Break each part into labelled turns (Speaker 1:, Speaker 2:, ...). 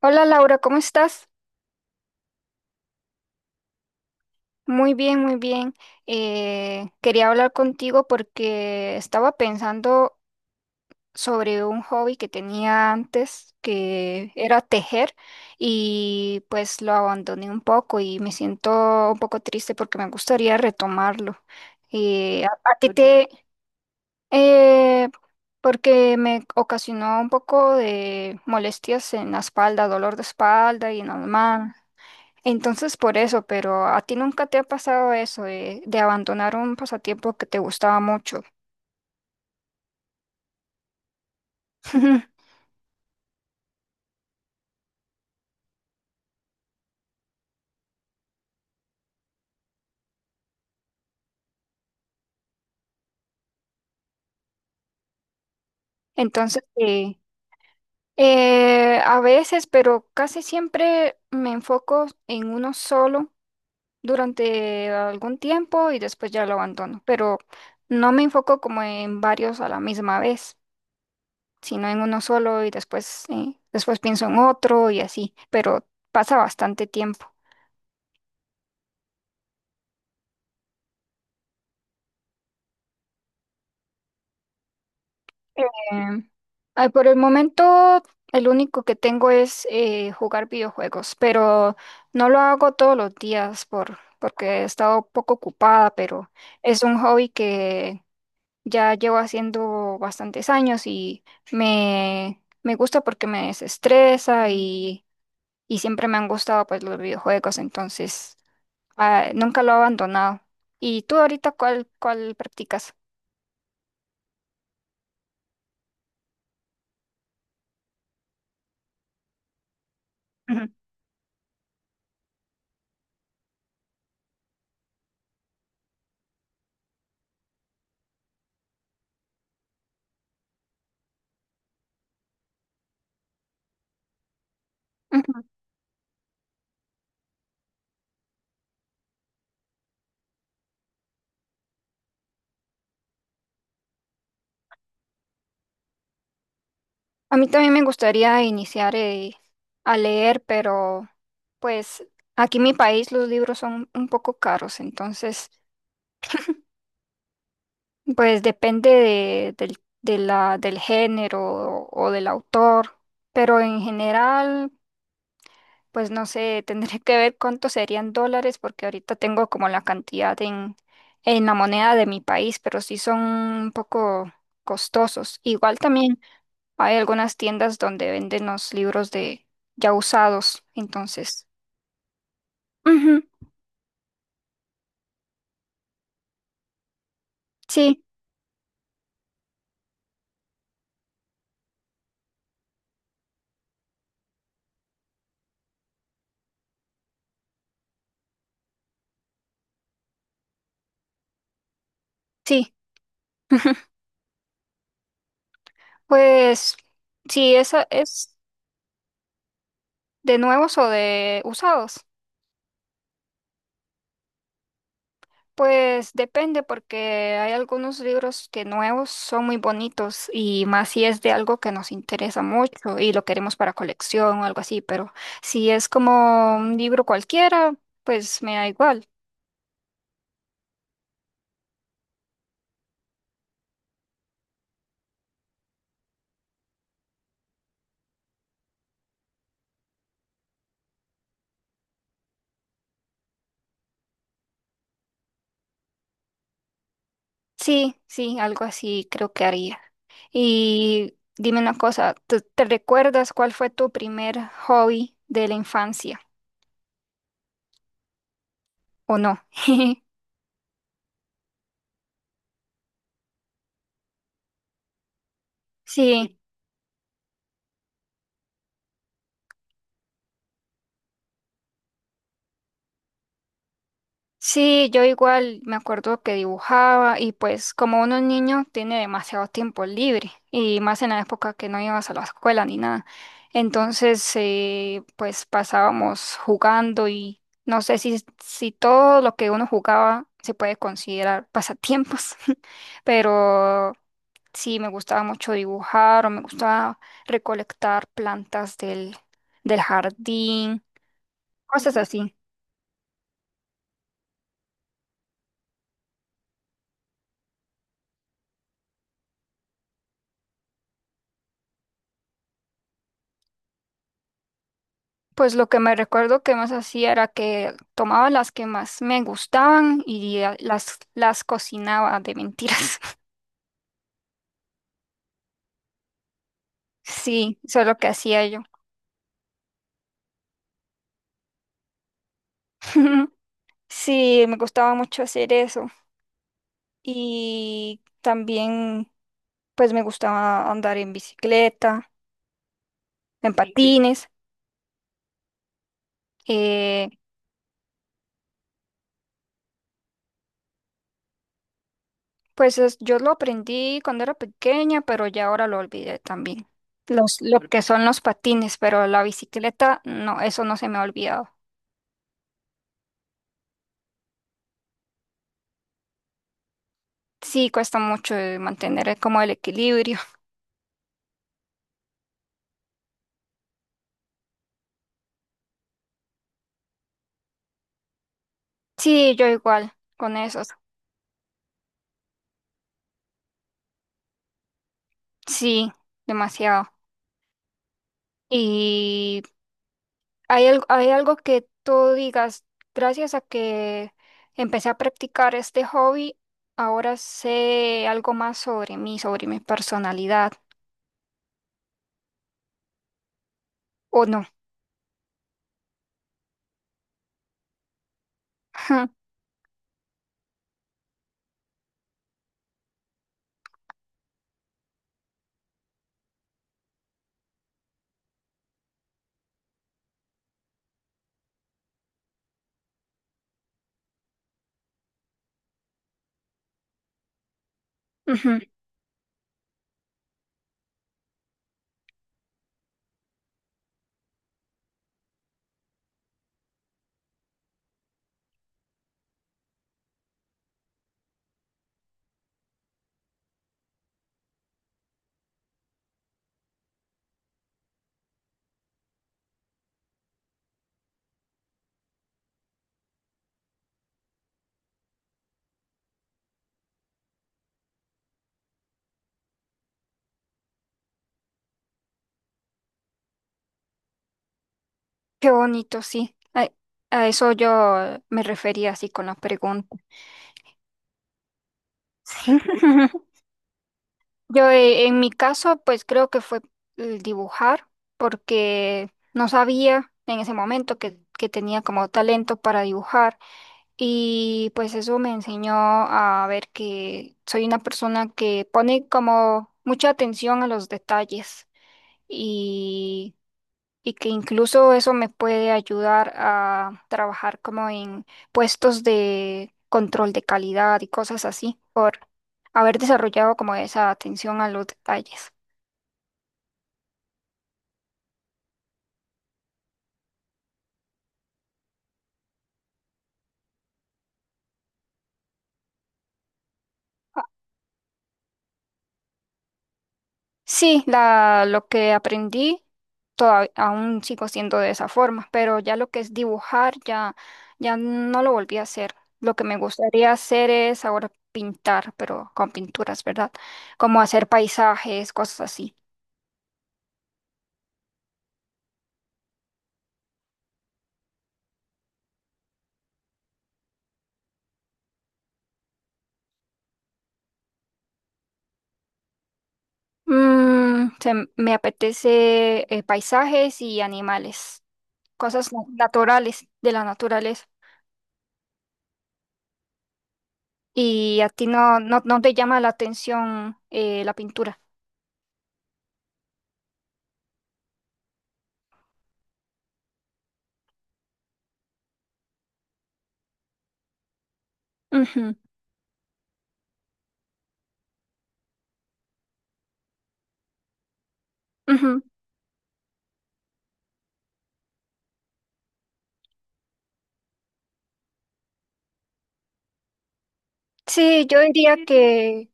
Speaker 1: Hola Laura, ¿cómo estás? Muy bien, muy bien. Quería hablar contigo porque estaba pensando sobre un hobby que tenía antes, que era tejer, y pues lo abandoné un poco y me siento un poco triste porque me gustaría retomarlo. A ti, ¿por qué? Te... eh, porque me ocasionó un poco de molestias en la espalda, dolor de espalda y en las manos. Entonces por eso, pero ¿a ti nunca te ha pasado eso de abandonar un pasatiempo que te gustaba mucho? Entonces, a veces, pero casi siempre me enfoco en uno solo durante algún tiempo y después ya lo abandono, pero no me enfoco como en varios a la misma vez, sino en uno solo y después, después pienso en otro y así, pero pasa bastante tiempo. Em, ay, por el momento, el único que tengo es jugar videojuegos, pero no lo hago todos los días porque he estado poco ocupada, pero es un hobby que ya llevo haciendo bastantes años y me gusta porque me desestresa y siempre me han gustado pues los videojuegos, entonces nunca lo he abandonado. ¿Y tú ahorita cuál practicas? Ujú. A mí también me gustaría iniciar a leer, pero pues aquí en mi país los libros son un poco caros, entonces pues depende de, del, de la, del género o del autor, pero en general pues no sé, tendré que ver cuántos serían dólares porque ahorita tengo como la cantidad en la moneda de mi país, pero sí son un poco costosos. Igual también. Hay algunas tiendas donde venden los libros de ya usados, entonces. Ujú. Sí, sí. Pues si esa es de nuevos o de usados, pues depende porque hay algunos libros que nuevos son muy bonitos y más si es de algo que nos interesa mucho y lo queremos para colección o algo así, pero si es como un libro cualquiera, pues me da igual. Sí, sí, algo así creo que haría. Y dime una cosa, te recuerdas cuál fue tu primer hobby de la infancia o no? Sí, sí, yo igual me acuerdo que dibujaba y pues como uno es niño tiene demasiado tiempo libre y más en la época que no ibas a la escuela ni nada. Entonces, pues pasábamos jugando y no sé si todo lo que uno jugaba se puede considerar pasatiempos, pero sí, me gustaba mucho dibujar o me gustaba recolectar plantas del jardín, cosas así. Pues lo que me recuerdo que más hacía era que tomaba las que más me gustaban y las cocinaba de mentiras. Sí, eso es lo que hacía yo. Sí, me gustaba mucho hacer eso. Y también, pues me gustaba andar en bicicleta, en sí, patines. eh, Pues yo lo aprendí cuando era pequeña, pero ya ahora lo olvidé también. Lo que son los patines, pero la bicicleta, no, eso no se me ha olvidado. Sí, cuesta mucho mantener como el equilibrio. Sí, yo igual con esos. Sí, demasiado. Y hay, hay algo que tú digas, gracias a que empecé a practicar este hobby, ahora sé algo más sobre mí, sobre mi personalidad, ¿o no? Ujú. Qué bonito, sí. A eso yo me refería así con la pregunta. Sí. Yo en mi caso, pues creo que fue el dibujar, porque no sabía en ese momento que tenía como talento para dibujar y pues eso me enseñó a ver que soy una persona que pone como mucha atención a los detalles y y que incluso eso me puede ayudar a trabajar como en puestos de control de calidad y cosas así, por haber desarrollado como esa atención a los detalles. Ah, Sí, lo que aprendí todavía, aún sigo siendo de esa forma, pero ya lo que es dibujar ya, ya no lo volví a hacer. Lo que me gustaría hacer es ahora pintar, pero con pinturas, ¿verdad? Como hacer paisajes, cosas así. Me apetece paisajes y animales, cosas naturales, de la naturaleza. ¿Y a ti no te llama la atención la pintura? Ujú, ujú. Sí, yo diría que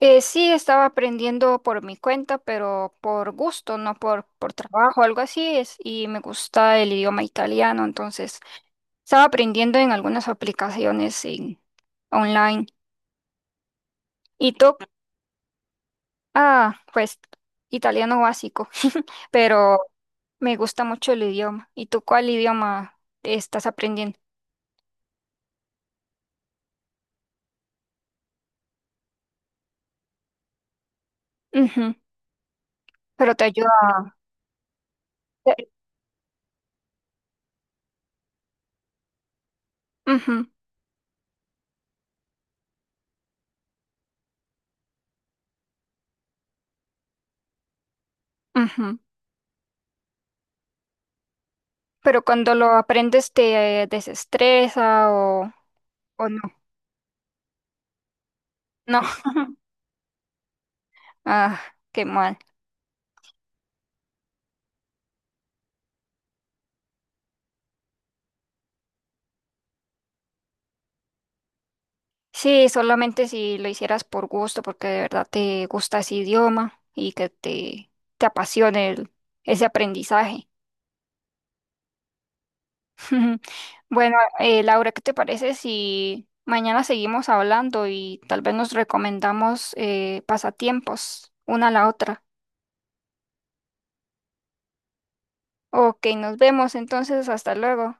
Speaker 1: sí estaba aprendiendo por mi cuenta, pero por gusto, no por trabajo, algo así es. Y me gusta el idioma italiano, entonces estaba aprendiendo en algunas aplicaciones online. ¿Y tú ah, pues italiano básico, pero me gusta mucho el idioma. ¿Y tú cuál idioma estás aprendiendo? Ujú. Pero te ayuda. te- Ujú, ujú. Pero cuando lo aprendes te desestresa o no. No, ah, qué mal. Sí, solamente si lo hicieras por gusto, porque de verdad te gusta ese idioma y que te apasione ese aprendizaje. Bueno, Laura, ¿qué te parece si mañana seguimos hablando y tal vez nos recomendamos pasatiempos una a la otra? Ok, nos vemos entonces, hasta luego.